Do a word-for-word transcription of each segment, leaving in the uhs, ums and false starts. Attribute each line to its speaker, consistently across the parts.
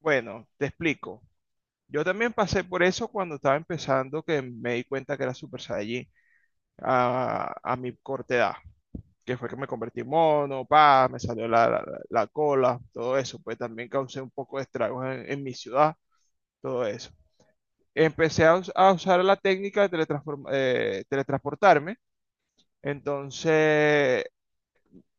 Speaker 1: Bueno, te explico. Yo también pasé por eso cuando estaba empezando, que me di cuenta que era Super Saiyajin a, a mi corta edad, que fue que me convertí en mono, pa, me salió la, la- la cola, todo eso. Pues también causé un poco de estragos en, en mi ciudad, todo eso. Empecé a, us- a usar la técnica de teletransform- eh, teletransportarme. Entonces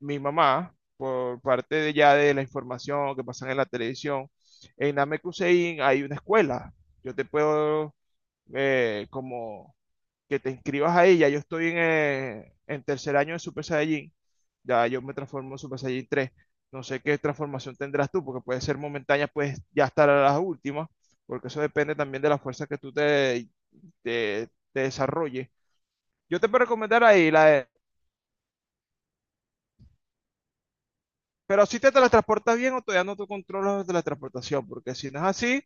Speaker 1: mi mamá, por parte de ya de la información que pasan en la televisión, en Namekusein hay una escuela. Yo te puedo, eh, como que te inscribas ahí. Ya yo estoy en, eh, en tercer año de Super Saiyajin, ya yo me transformo en Super Saiyajin tres. No sé qué transformación tendrás tú, porque puede ser momentánea, puedes ya estar a las últimas, porque eso depende también de la fuerza que tú te, te, te desarrolles. Yo te puedo recomendar ahí la. Pero si te teletransportas bien o todavía no tú controlas la teletransportación, porque si no es así,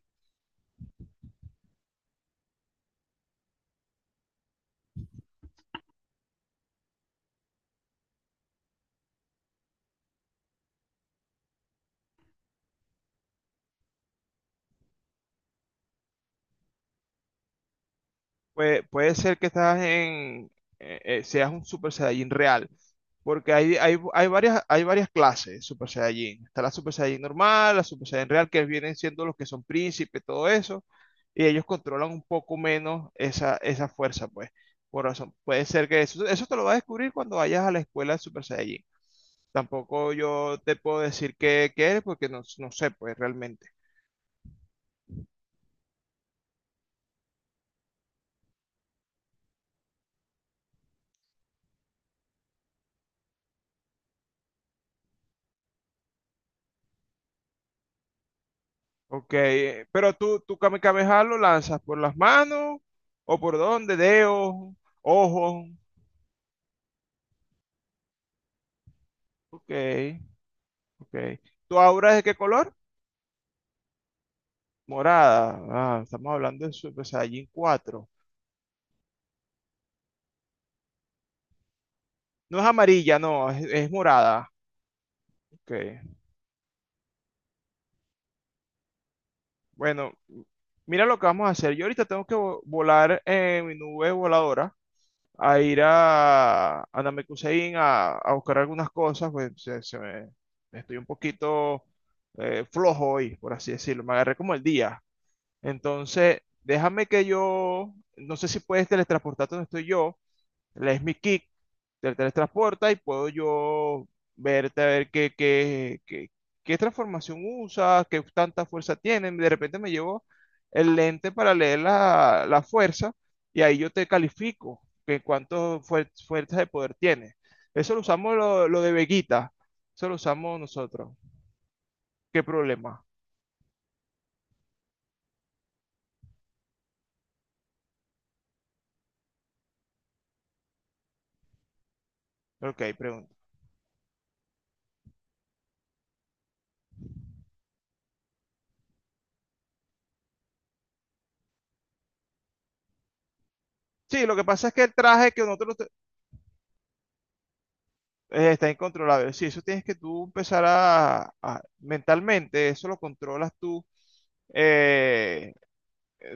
Speaker 1: pues puede ser que estás en, eh, eh, seas un Super Saiyajin real, porque hay, hay, hay varias, hay varias clases de Super Saiyajin. Está la Super Saiyajin normal, la Super Saiyajin real, que vienen siendo los que son príncipes, todo eso, y ellos controlan un poco menos esa, esa fuerza, pues. Por razón, puede ser que eso, eso te lo vas a descubrir cuando vayas a la escuela de Super Saiyajin. Tampoco yo te puedo decir qué, qué eres, porque no, no sé, pues realmente. Ok, eh, pero tú, tú Kame Kame Ha lo lanzas por las manos o por dónde, dedos, ojos. Ok, ok. ¿Tu aura es de qué color? Morada. Ah, estamos hablando de Super Saiyajin cuatro. No es amarilla, no, es, es morada. Ok, bueno, mira lo que vamos a hacer. Yo ahorita tengo que vo- volar en mi nube voladora a ir a, a Namekusein a, a buscar algunas cosas, pues se- se me- estoy un poquito eh, flojo hoy, por así decirlo. Me agarré como el día. Entonces, déjame que yo, no sé si puedes teletransportarte donde estoy yo. Le es mi kick, te teletransporta y puedo yo verte a ver qué, qué, qué, qué transformación usa, qué tanta fuerza tiene. De repente me llevo el lente para leer la, la fuerza y ahí yo te califico que cuánto fuer- fuerza de poder tiene. Eso lo usamos lo, lo de Veguita, eso lo usamos nosotros. ¿Qué problema? Ok, pregunta. Sí, lo que pasa es que el traje que nosotros, eh, está incontrolable. Sí, eso tienes que tú empezar a, a- mentalmente, eso lo controlas tú, eh,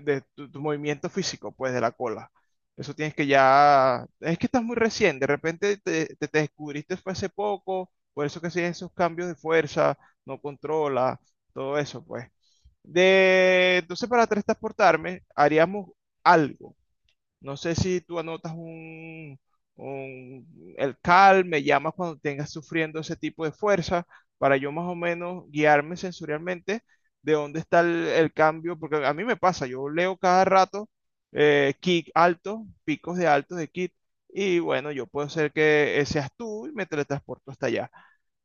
Speaker 1: de tu, tu movimiento físico, pues, de la cola. Eso tienes que ya, es que estás muy recién, de repente te, te- te descubriste fue hace poco, por eso que siguen esos cambios de fuerza, no controla, todo eso, pues. De, entonces para transportarme haríamos algo. No sé si tú anotas un, un- el C A L, me llamas cuando tengas sufriendo ese tipo de fuerza, para yo más o menos guiarme sensorialmente de dónde está el, el cambio, porque a mí me pasa, yo leo cada rato, eh, kick alto, picos de altos de kick, y bueno, yo puedo ser que eh, seas tú y me teletransporto hasta allá.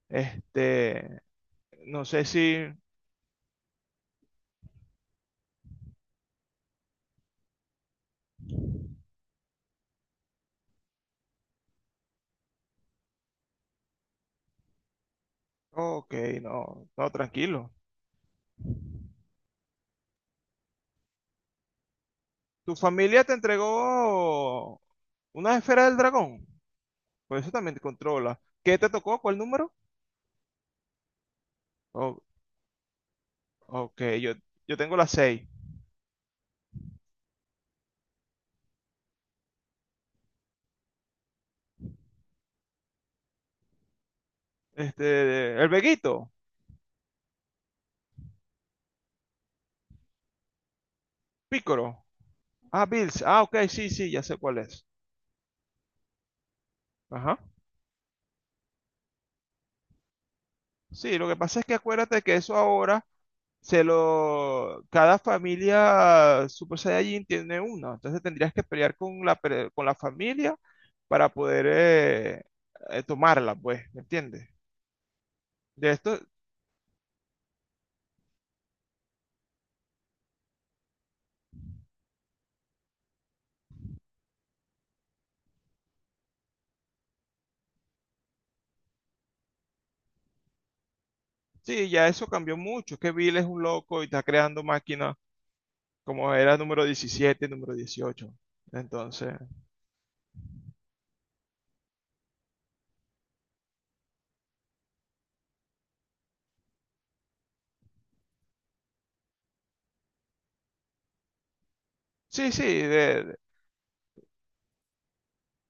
Speaker 1: Este, no sé si... Ok, no, no, tranquilo. ¿Tu familia te entregó una esfera del dragón? Pues eso también te controla. ¿Qué te tocó? ¿Cuál número? Oh, ok, yo, yo tengo las seis. Este, el Veguito, Pícoro. Ah, Bills. Ah, ok, sí, sí, ya sé cuál es. Ajá. Sí, lo que pasa es que acuérdate que eso ahora se lo. Cada familia Super Saiyajin tiene uno. Entonces tendrías que pelear con la, pre- con la familia para poder eh, eh, tomarla, pues, ¿me entiendes? De esto, sí, ya eso cambió mucho. Es que Bill es un loco y está creando máquinas como era número diecisiete, número dieciocho. Entonces, sí, sí, de- de-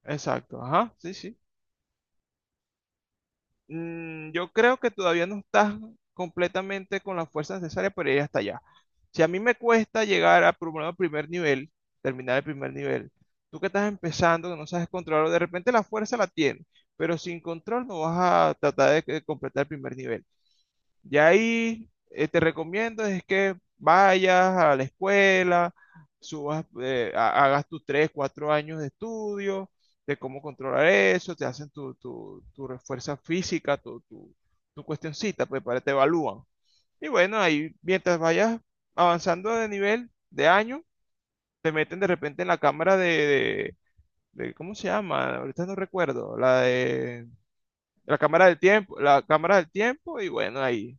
Speaker 1: exacto, ajá, sí, sí. Mm, yo creo que todavía no estás completamente con la fuerza necesaria para ir hasta allá. Si a mí me cuesta llegar a por lo menos, al primer nivel, terminar el primer nivel, tú que estás empezando, que no sabes controlar, de repente la fuerza la tienes, pero sin control no vas a tratar de que- completar el primer nivel. Y ahí, eh, te recomiendo es que vayas a la escuela, subas, eh, ha- hagas tus tres, cuatro años de estudio, de cómo controlar eso, te hacen tu, tu, tu refuerza física, tu, tu, tu cuestioncita, pues para te evalúan. Y bueno, ahí mientras vayas avanzando de nivel, de año, te meten de repente en la cámara de, de- de- ¿cómo se llama? Ahorita no recuerdo, la de la cámara del tiempo, la cámara del tiempo, y bueno, ahí.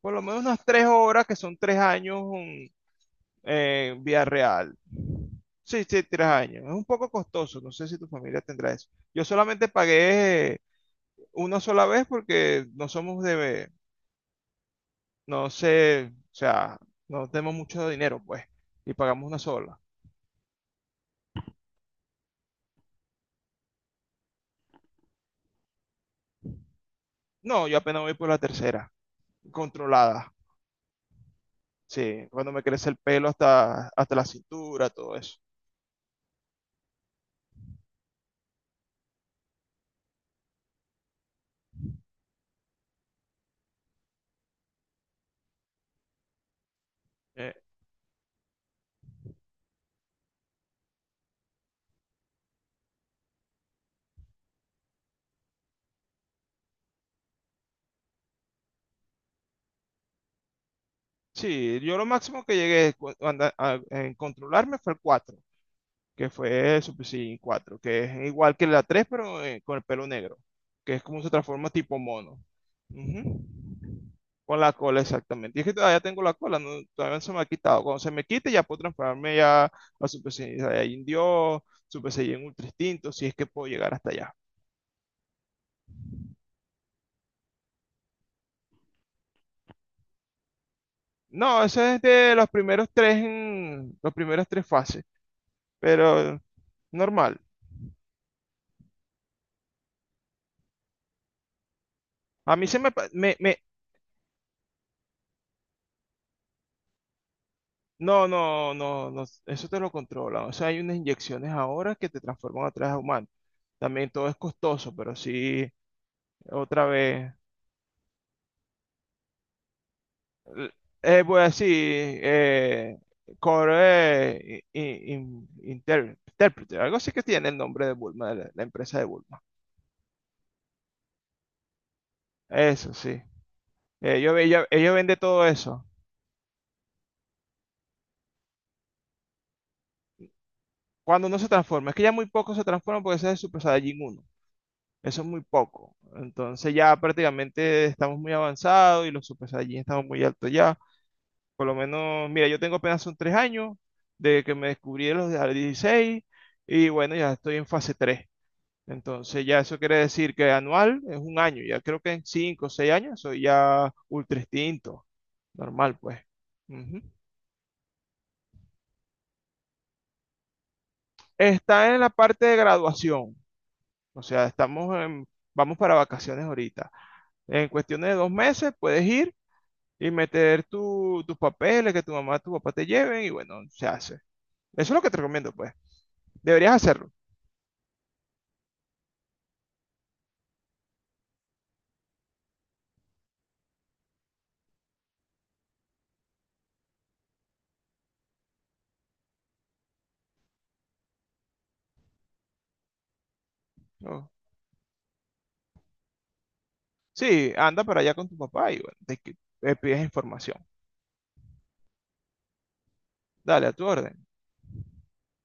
Speaker 1: Por lo menos unas tres horas, que son tres años, mm, eh, en vía real. Sí, sí, tres años. Es un poco costoso, no sé si tu familia tendrá eso. Yo solamente pagué eh, una sola vez porque no somos de, no sé, o sea, no tenemos mucho dinero, pues, y pagamos una sola. No, yo apenas voy por la tercera, controlada. Sí, cuando me crece el pelo hasta, hasta la cintura, todo eso. Eh, sí, yo lo máximo que llegué cu- anda- a- en controlarme fue el cuatro, que fue Super Saiyan cuatro, que es igual que la tres, pero eh, con el pelo negro, que es como se transforma tipo mono. Ujú. Con la cola, exactamente. Y es que todavía tengo la cola, no, todavía no se me ha quitado. Cuando se me quite, ya puedo transformarme ya a Super Saiyan Dios, Super Saiyan Ultra Instinto, si es que puedo llegar hasta allá. No, eso es de los primeros tres, en- los primeros tres fases, pero normal. A mí se me, pa- me, me- No, no, no, no, eso te lo controlan. O sea, hay unas inyecciones ahora que te transforman atrás a humano. También todo es costoso, pero sí, otra vez. l- Eh, voy a decir, eh, Core, eh, i- in- Inter- Interpreter, algo así que tiene el nombre de Bulma, la, la empresa de Bulma. Eso sí. Ellos, ellos, ellos venden todo eso. Cuando no se transforma, es que ya muy pocos se transforman porque ese es el Super Saiyajin uno. Eso es muy poco. Entonces ya prácticamente estamos muy avanzados y los Super Saiyajin estamos muy altos ya. Por lo menos, mira, yo tengo apenas son tres años de que me descubrí de los de a los dieciséis y bueno, ya estoy en fase tres. Entonces ya eso quiere decir que anual es un año. Ya creo que en cinco o seis años soy ya ultra instinto. Normal, pues. Ujú. Está en la parte de graduación. O sea, estamos en- vamos para vacaciones ahorita. En cuestiones de dos meses puedes ir y meter tu- tus papeles, que tu mamá, tu papá te lleven y bueno, se hace. Eso es lo que te recomiendo, pues. Deberías hacerlo. ¿No? Sí, anda para allá con tu papá y bueno, te, que- le pides información. Dale, a tu orden.